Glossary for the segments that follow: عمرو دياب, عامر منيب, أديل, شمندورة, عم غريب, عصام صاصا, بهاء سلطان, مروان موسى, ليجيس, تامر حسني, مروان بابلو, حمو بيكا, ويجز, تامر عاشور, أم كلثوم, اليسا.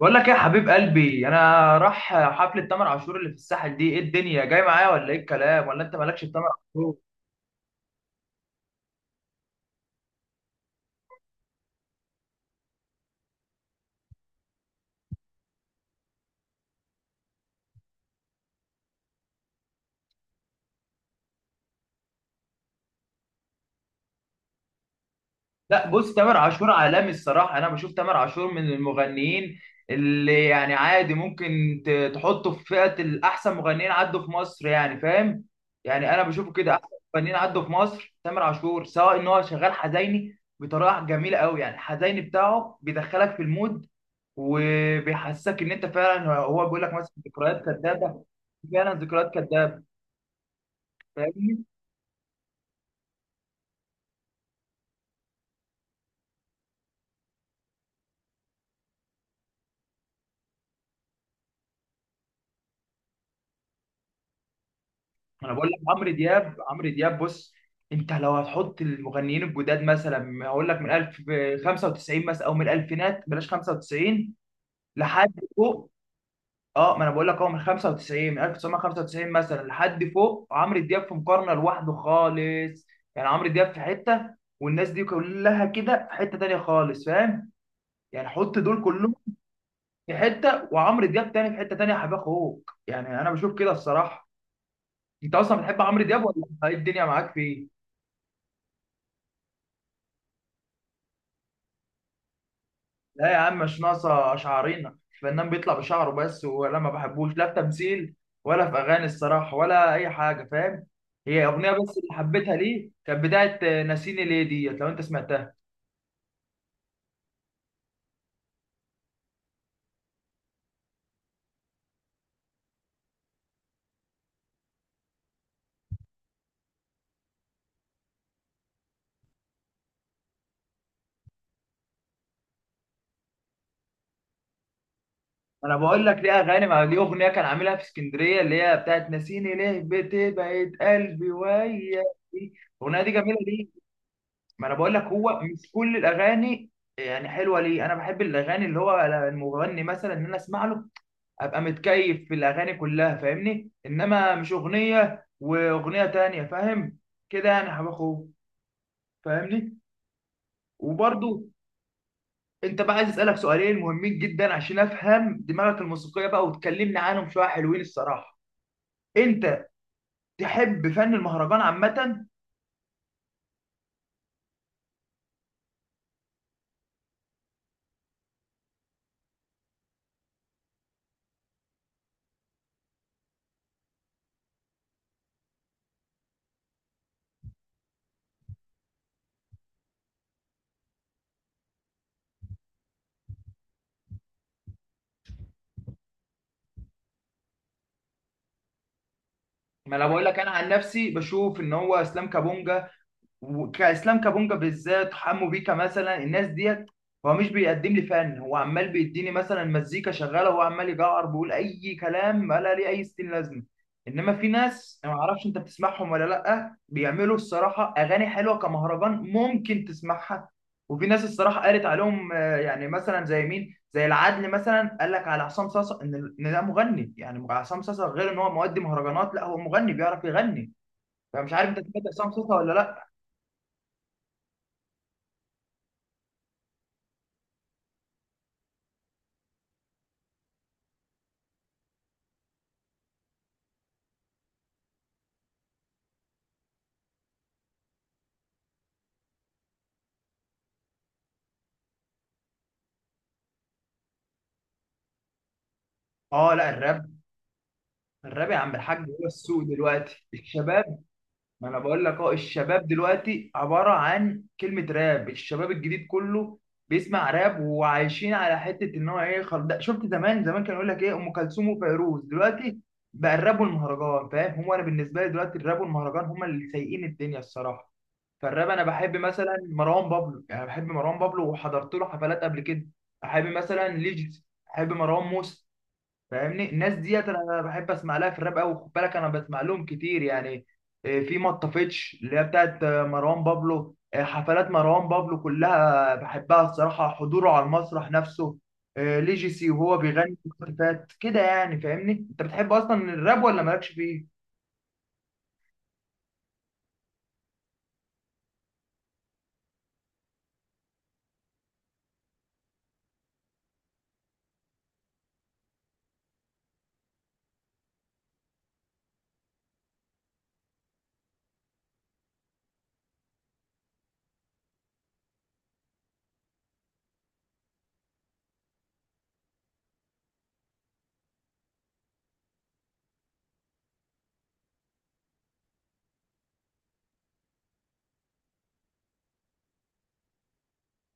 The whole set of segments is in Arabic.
بقول لك ايه يا حبيب قلبي انا؟ راح حفلة تامر عاشور اللي في الساحل دي، ايه الدنيا جاي معايا ولا ايه الكلام، ولا انت مالكش في تامر عاشور؟ لا بص، تامر عاشور عالمي الصراحة. أنا بشوف تامر عاشور من المغنيين اللي يعني عادي ممكن تحطه في فئة الأحسن مغنيين عدوا في مصر، يعني فاهم. يعني أنا بشوفه كده أحسن مغنيين عدوا في مصر. تامر عاشور سواء إن هو شغال حزيني بطريقة جميلة أوي، يعني الحزيني بتاعه بيدخلك في المود وبيحسسك إن أنت فعلا هو بيقول لك مثلا ذكريات كدابة. فعلا ذكريات كدابة. فاهمني. انا بقول لك عمرو دياب، عمرو دياب، بص. انت لو هتحط المغنيين الجداد مثلا هقول لك من 1095 مثلا، او من الالفينات بلاش 95 لحد فوق. اه ما انا بقول لك هو من 95، من 1995 مثلا لحد فوق. عمرو دياب في مقارنه لوحده خالص. يعني عمرو دياب في حته والناس دي كلها كده في حته تانيه خالص، فاهم؟ يعني حط دول كلهم في حته وعمرو دياب تاني في حته تانيه، حبيب اخوك، يعني انا بشوف كده الصراحه. انت اصلا بتحب عمرو دياب ولا ايه الدنيا معاك فيه؟ لا يا عم مش ناقصه شعرينا. الفنان بيطلع بشعره بس، ولا ما بحبوش، لا في تمثيل ولا في اغاني الصراحه ولا اي حاجه، فاهم؟ هي اغنيه بس اللي حبيتها ليه، كانت بتاعه ناسيني ليه ديت، لو انت سمعتها. انا بقول لك ليه اغاني، مع ليه اغنيه كان عاملها في اسكندريه اللي هي بتاعه ناسيني ليه بتبعد قلبي وياك. الاغنيه دي جميله ليه. ما انا بقول لك هو مش كل الاغاني يعني حلوه ليه. انا بحب الاغاني اللي هو المغني مثلا ان انا اسمع له، ابقى متكيف في الاغاني كلها، فاهمني؟ انما مش اغنيه واغنيه تانية، فاهم كده يعني، يا حبيب اخوه؟ فاهمني. وبرضو انت بقى عايز اسالك سؤالين مهمين جدا عشان افهم دماغك الموسيقيه بقى، وتكلمني عنهم شويه حلوين الصراحه. انت تحب فن المهرجان عامه؟ ما انا بقول لك انا عن نفسي بشوف ان هو اسلام كابونجا، وكاسلام كابونجا بالذات، حمو بيكا مثلا، الناس ديت هو مش بيقدم لي فن. هو عمال بيديني مثلا مزيكا شغاله وهو عمال يجعر بيقول اي كلام ولا ليه اي ستين لازمه. انما في ناس انا ما اعرفش انت بتسمعهم ولا لا، بيعملوا الصراحه اغاني حلوه كمهرجان ممكن تسمعها. وفي ناس الصراحه قالت عليهم يعني مثلا زي مين، زي العدل مثلا، قال لك على عصام صاصا ان إن ده مغني. يعني عصام صاصا غير ان هو مؤدي مهرجانات، لا هو مغني بيعرف يغني. فمش عارف انت سمعت عصام صاصا ولا لا. اه لا الراب. الراب يا عم الحاج هو السوق دلوقتي، الشباب. ما انا بقول لك اه، الشباب دلوقتي عباره عن كلمه راب. الشباب الجديد كله بيسمع راب، وعايشين على حته ان هو ايه ده. شفت زمان زمان كان يقول لك ايه ام كلثوم وفيروز؟ دلوقتي بقى الراب والمهرجان، فاهم؟ هو انا بالنسبه لي دلوقتي الراب والمهرجان هما اللي سايقين الدنيا الصراحه. فالراب انا بحب مثلا مروان بابلو، يعني بحب مروان بابلو وحضرت له حفلات قبل كده. احب مثلا ليجيس، احب مروان موسى. فاهمني الناس ديت انا بحب اسمع لها في الراب قوي. خد بالك انا بسمع لهم كتير يعني. في مطفتش اللي هي بتاعت مروان بابلو. حفلات مروان بابلو كلها بحبها الصراحه، حضوره على المسرح نفسه. ليجيسي وهو بيغني في الوقت فات كده يعني. فاهمني، انت بتحب اصلا الراب ولا مالكش فيه؟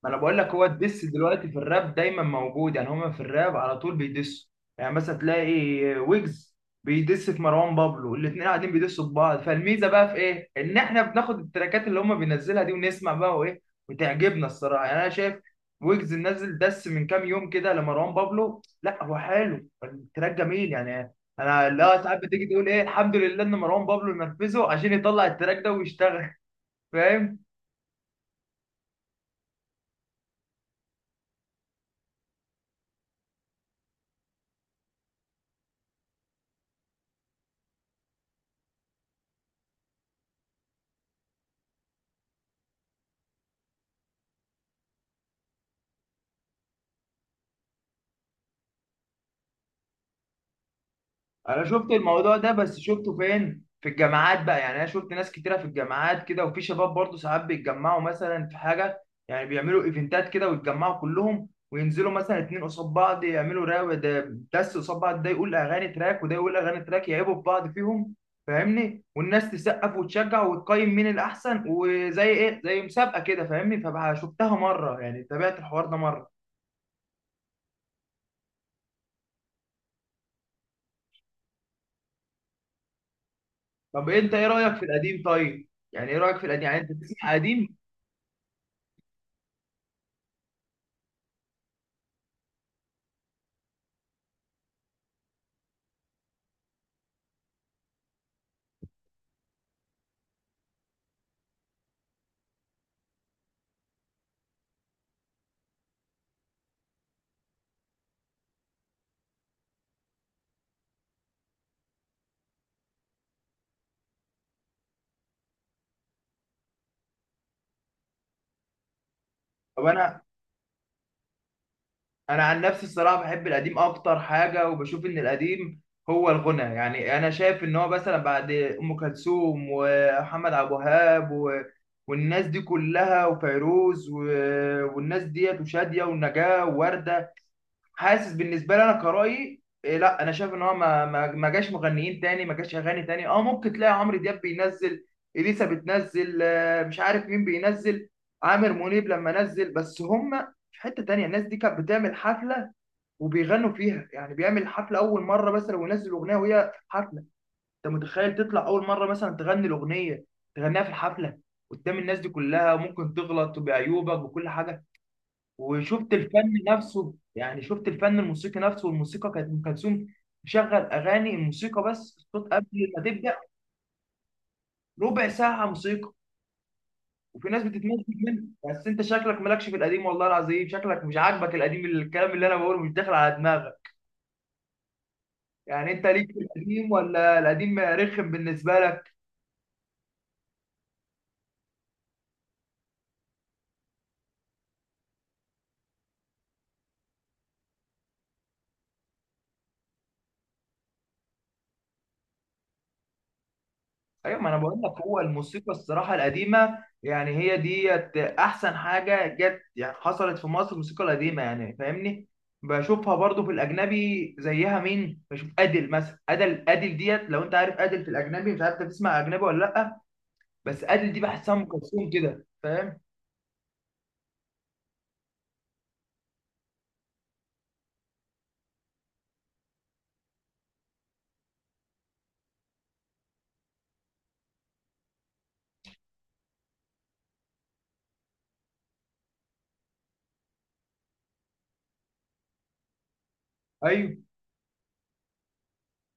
ما انا بقول لك هو الدس دلوقتي في الراب دايما موجود. يعني هما في الراب على طول بيدسوا، يعني مثلا تلاقي ويجز بيدس في مروان بابلو، الاثنين قاعدين بيدسوا في بعض. فالميزه بقى في ايه؟ ان احنا بناخد التراكات اللي هما بينزلها دي ونسمع بقى وايه، وتعجبنا الصراحه. يعني انا شايف ويجز نزل دس من كام يوم كده لمروان بابلو، لا هو حلو، التراك جميل يعني. انا لا، ساعات بتيجي تقول ايه الحمد لله ان مروان بابلو نرفزه عشان يطلع التراك ده ويشتغل. فاهم؟ انا شفت الموضوع ده، بس شفته فين؟ في الجامعات بقى. يعني انا شفت ناس كتيره في الجامعات كده، وفي شباب برضو ساعات بيتجمعوا مثلا في حاجه، يعني بيعملوا ايفنتات كده ويتجمعوا كلهم، وينزلوا مثلا اتنين قصاد بعض يعملوا راو ده، دس قصاد بعض، ده يقول اغاني تراك وده يقول اغاني تراك، يعيبوا في بعض فيهم. فاهمني؟ والناس تسقف وتشجع وتقيم مين الاحسن، وزي ايه، زي مسابقه كده. فاهمني؟ فشفتها مره يعني، تابعت الحوار ده مره. طب انت ايه رايك في القديم؟ طيب يعني ايه رايك في القديم؟ يعني انت بتسمع قديم؟ طب انا، انا عن نفسي الصراحه بحب القديم اكتر حاجه، وبشوف ان القديم هو الغنى. يعني انا شايف ان هو مثلا بعد ام كلثوم ومحمد عبد الوهاب و... والناس دي كلها وفيروز و... والناس ديت وشاديه والنجاه وورده، حاسس بالنسبه لي انا كرأيي لا انا شايف ان هو ما جاش مغنيين تاني، ما جاش اغاني تاني. اه ممكن تلاقي عمرو دياب بينزل، اليسا بتنزل، مش عارف مين بينزل، عامر منيب لما نزل، بس هم في حته تانيه. الناس دي كانت بتعمل حفله وبيغنوا فيها. يعني بيعمل حفله اول مره مثلا وينزل اغنيه وهي في حفله. انت متخيل تطلع اول مره مثلا تغني الاغنيه، تغنيها في الحفله قدام الناس دي كلها، ممكن تغلط بعيوبك وكل حاجه. وشفت الفن نفسه، يعني شفت الفن الموسيقي نفسه. والموسيقى كانت، ام كلثوم تشغل اغاني، الموسيقى بس الصوت قبل ما تبدا ربع ساعه موسيقى، وفي ناس بتتمزج منه. بس انت شكلك مالكش في القديم، والله العظيم شكلك مش عاجبك القديم، الكلام اللي انا بقوله مش داخل على دماغك. يعني انت ليك في القديم ولا القديم رخم بالنسبه لك؟ ايوه ما انا بقول لك هو الموسيقى الصراحه القديمه، يعني هي ديت احسن حاجه جت، يعني حصلت في مصر الموسيقى القديمه، يعني فاهمني. بشوفها برضو في الاجنبي زيها، مين بشوف؟ ادل مثلا، ادل، ادل ديت لو انت عارف ادل في الاجنبي، مش عارف انت بتسمع اجنبي ولا لا، بس ادل دي بحسها ام كلثوم كده، فاهم؟ ايوه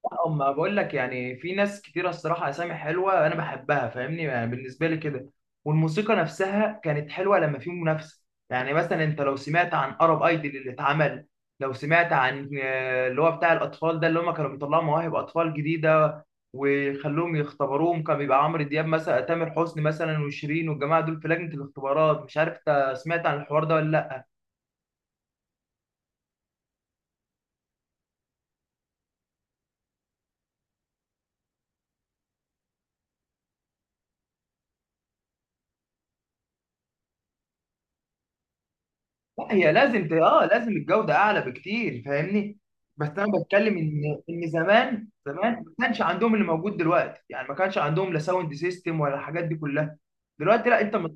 لا، اما بقول لك يعني في ناس كتيره الصراحه، اسامي حلوه انا بحبها، فاهمني؟ يعني بالنسبه لي كده. والموسيقى نفسها كانت حلوه لما في منافسه. يعني مثلا انت لو سمعت عن ارب ايدل اللي اتعمل، لو سمعت عن اللي هو بتاع الاطفال ده، اللي هم كانوا بيطلعوا مواهب اطفال جديده ويخلوهم يختبروهم، كان بيبقى عمرو دياب مثلا، تامر حسني مثلا، وشيرين والجماعه دول في لجنه الاختبارات، مش عارف انت سمعت عن الحوار ده ولا لا. هي لازم ت... اه لازم الجودة اعلى بكتير، فاهمني؟ بس انا بتكلم ان ان زمان زمان، ما كانش عندهم اللي موجود دلوقتي، يعني ما كانش عندهم لا ساوند سيستم ولا الحاجات دي كلها دلوقتي. لا انت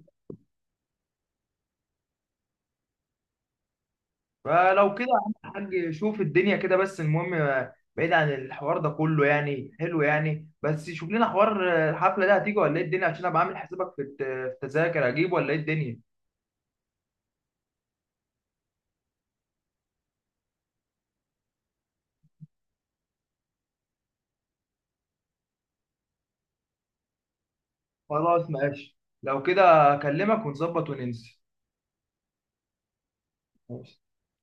فلو كده يا عم الحاج، شوف الدنيا كده. بس المهم بعيد عن الحوار ده كله يعني حلو يعني، بس شوف لنا حوار الحفلة ده هتيجي ولا ايه الدنيا، عشان ابقى عامل حسابك في في التذاكر، اجيب ولا ايه الدنيا؟ خلاص ماشي. لو كده اكلمك ونظبط وننسى.